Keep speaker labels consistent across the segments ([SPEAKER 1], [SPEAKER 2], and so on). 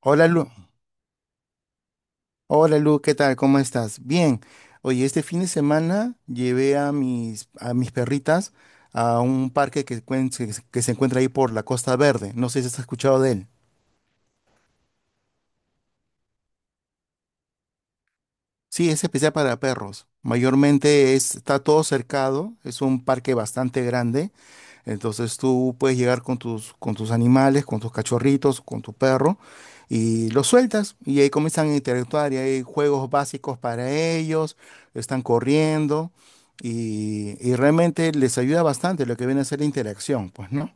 [SPEAKER 1] Hola Lu, hola Lu, ¿qué tal? ¿Cómo estás? Bien. Oye, este fin de semana llevé a mis perritas a un parque que se encuentra ahí por la Costa Verde. No sé si has escuchado de él. Sí, es especial para perros. Mayormente está todo cercado, es un parque bastante grande. Entonces tú puedes llegar con tus animales, con tus cachorritos, con tu perro y los sueltas y ahí comienzan a interactuar y hay juegos básicos para ellos, están corriendo y realmente les ayuda bastante lo que viene a ser la interacción, pues, ¿no?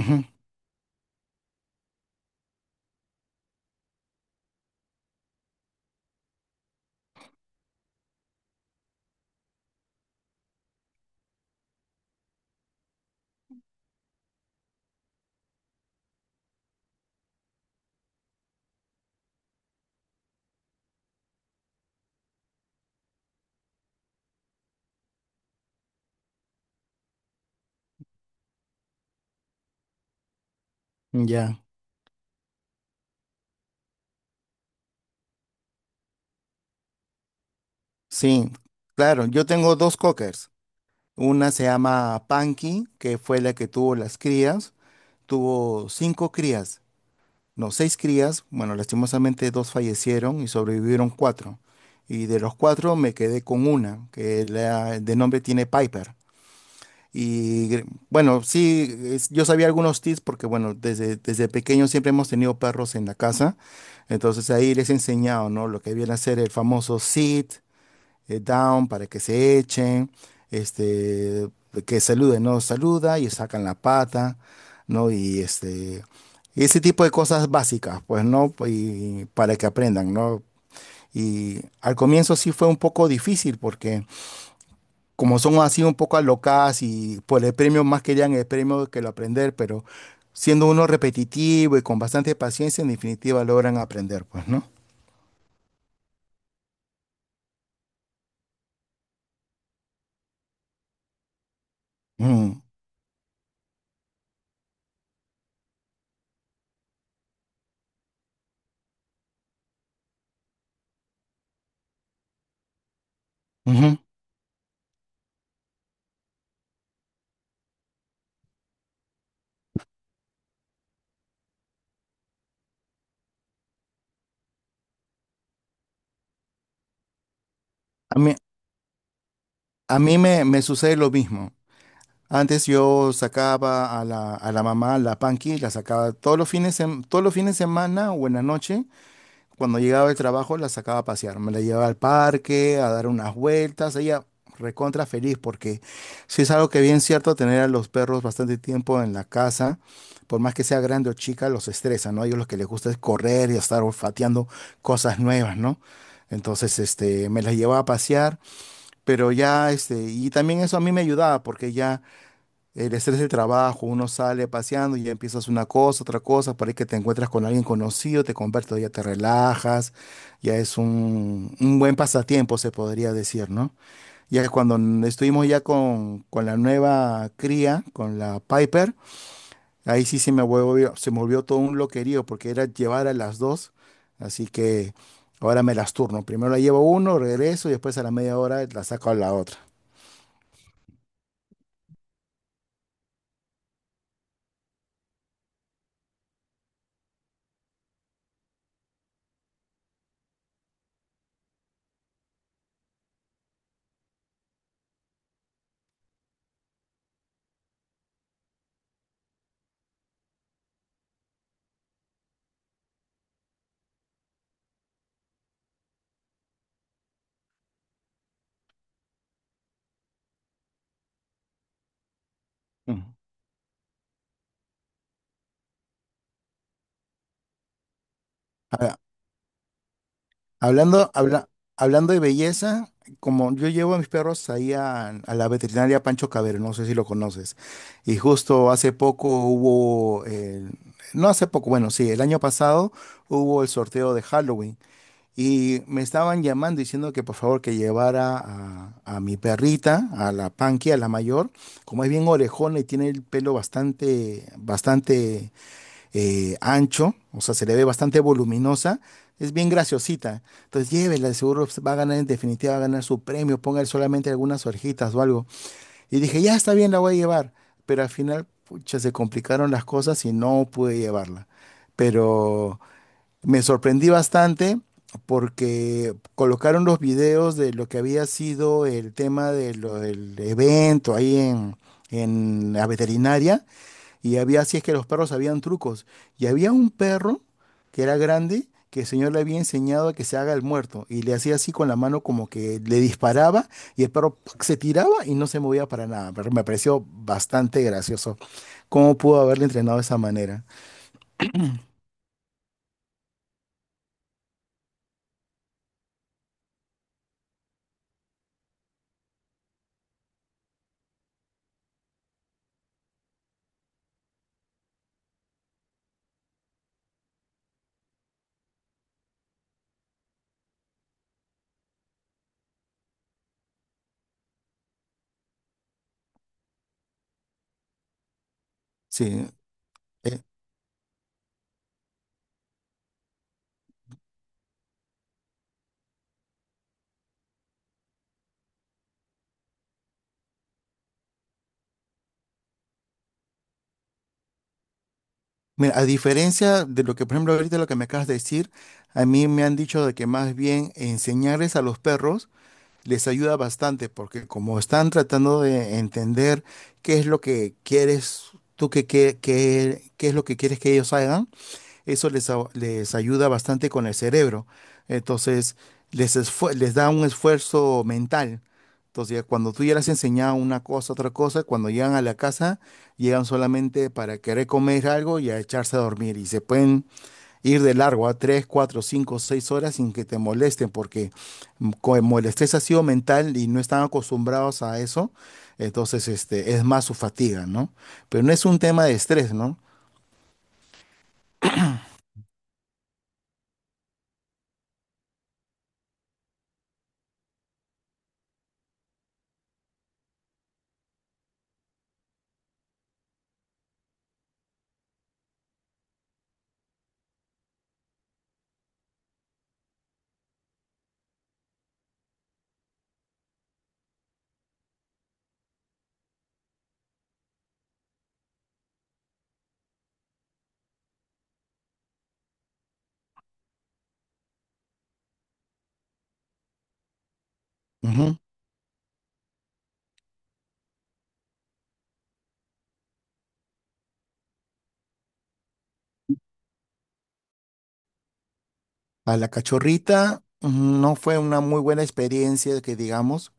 [SPEAKER 1] Ujú. Ya, sí, claro, yo tengo dos cockers. Una se llama Panky, que fue la que tuvo las crías, tuvo cinco crías. No, seis crías, bueno, lastimosamente dos fallecieron y sobrevivieron cuatro. Y de los cuatro me quedé con una, de nombre tiene Piper. Y bueno, sí, yo sabía algunos tips porque, bueno, desde pequeño siempre hemos tenido perros en la casa. Entonces ahí les he enseñado, ¿no? Lo que viene a ser el famoso sit, down para que se echen, este, que saluden, no saluda y sacan la pata, ¿no? Y ese tipo de cosas básicas, pues, ¿no? Y para que aprendan, ¿no? Y al comienzo sí fue un poco difícil porque como son así un poco alocadas y por el premio más querían el premio que lo aprender, pero siendo uno repetitivo y con bastante paciencia, en definitiva logran aprender, pues, ¿no? Mm, ujú. A mí, a mí me sucede lo mismo. Antes yo sacaba a la mamá, la Panky, la sacaba todos los fines de semana o en la noche. Cuando llegaba del trabajo, la sacaba a pasear. Me la llevaba al parque, a dar unas vueltas. Ella recontra feliz porque sí es algo que bien cierto tener a los perros bastante tiempo en la casa. Por más que sea grande o chica, los estresa, ¿no? A ellos lo que les gusta es correr y estar olfateando cosas nuevas, ¿no? Entonces, me las llevaba a pasear, pero ya, y también eso a mí me ayudaba porque ya el estrés del trabajo, uno sale paseando y ya empiezas una cosa, otra cosa, para que te encuentras con alguien conocido, te conviertes, ya te relajas, ya es un buen pasatiempo, se podría decir, ¿no? Ya que cuando estuvimos ya con la nueva cría, con la Piper, ahí sí se me volvió todo un loquerío, porque era llevar a las dos, así que ahora me las turno. Primero la llevo uno, regreso y después a la media hora la saco a la otra. Mm. A- Hablando, habla- hablando de belleza, como yo llevo a mis perros ahí a la veterinaria Pancho Cabero, no sé si lo conoces, y justo hace poco hubo, no hace poco, bueno, sí, el año pasado hubo el sorteo de Halloween y me estaban llamando diciendo que por favor que llevara a mi perrita, a la Panky, a la mayor, como es bien orejona y tiene el pelo bastante, bastante ancho, o sea, se le ve bastante voluminosa, es bien graciosita. Entonces llévela, de seguro va a ganar, en definitiva va a ganar su premio, póngale solamente algunas orejitas o algo. Y dije, ya está bien, la voy a llevar, pero al final, pucha, se complicaron las cosas y no pude llevarla. Pero me sorprendí bastante porque colocaron los videos de lo que había sido el tema de lo del evento ahí en la veterinaria y había, así es que los perros sabían trucos. Y había un perro que era grande, que el señor le había enseñado a que se haga el muerto. Y le hacía así con la mano como que le disparaba y el perro ¡pac! Se tiraba y no se movía para nada. Pero me pareció bastante gracioso. ¿Cómo pudo haberle entrenado de esa manera? Sí. eh, mira, a diferencia de lo que, por ejemplo, ahorita lo que me acabas de decir, a mí me han dicho de que más bien enseñarles a los perros les ayuda bastante porque como están tratando de entender qué es lo que quieres tú qué es lo que quieres que ellos hagan, eso les ayuda bastante con el cerebro. Entonces, les da un esfuerzo mental. Entonces, ya cuando tú ya les has enseñado una cosa, otra cosa, cuando llegan a la casa, llegan solamente para querer comer algo y a echarse a dormir y se pueden ir de largo a 3 4 5 6 horas sin que te molesten, porque como el estrés ha sido mental y no están acostumbrados a eso, entonces es más su fatiga, ¿no? Pero no es un tema de estrés, ¿no? Ujú. A la cachorrita, ujú, no fue una muy buena experiencia, que digamos,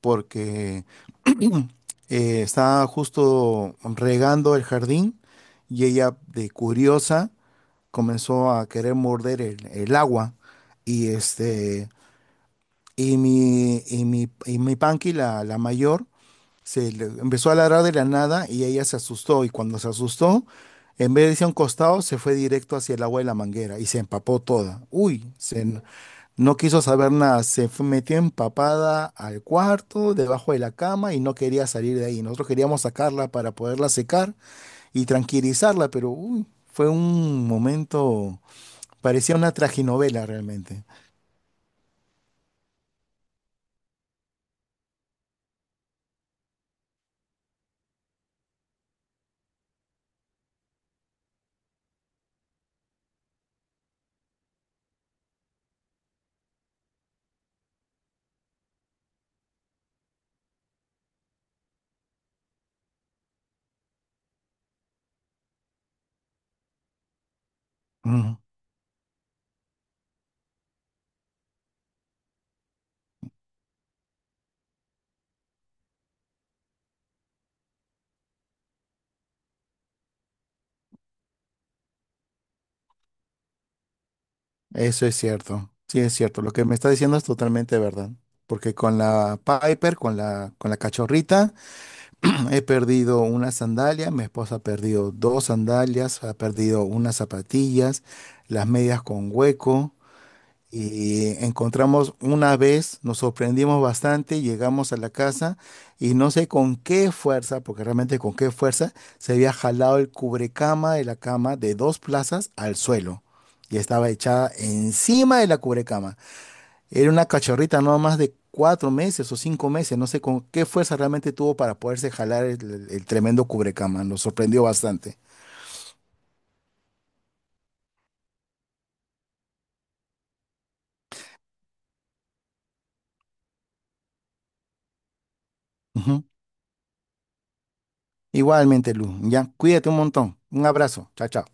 [SPEAKER 1] porque estaba justo regando el jardín y ella, de curiosa, comenzó a querer morder el agua. Y y mi Panky, la mayor, empezó a ladrar de la nada y ella se asustó. Y cuando se asustó, en vez de irse a un costado, se fue directo hacia el agua de la manguera y se empapó toda. Uy, no quiso saber nada. Metió empapada al cuarto, debajo de la cama y no quería salir de ahí. Nosotros queríamos sacarla para poderla secar y tranquilizarla, pero uy, fue un momento, parecía una traginovela realmente. Eso es cierto, sí es cierto. Lo que me está diciendo es totalmente verdad. Porque con la Piper, con la cachorrita, he perdido una sandalia, mi esposa ha perdido dos sandalias, ha perdido unas zapatillas, las medias con hueco. Y encontramos una vez, nos sorprendimos bastante, llegamos a la casa y no sé con qué fuerza, porque realmente con qué fuerza, se había jalado el cubrecama de la cama de dos plazas al suelo y estaba echada encima de la cubrecama. Era una cachorrita no más de 4 meses o 5 meses, no sé con qué fuerza realmente tuvo para poderse jalar el tremendo cubrecama, nos sorprendió bastante. Ujú. Igualmente, Lu, ya, cuídate un montón. Un abrazo, chao, chao.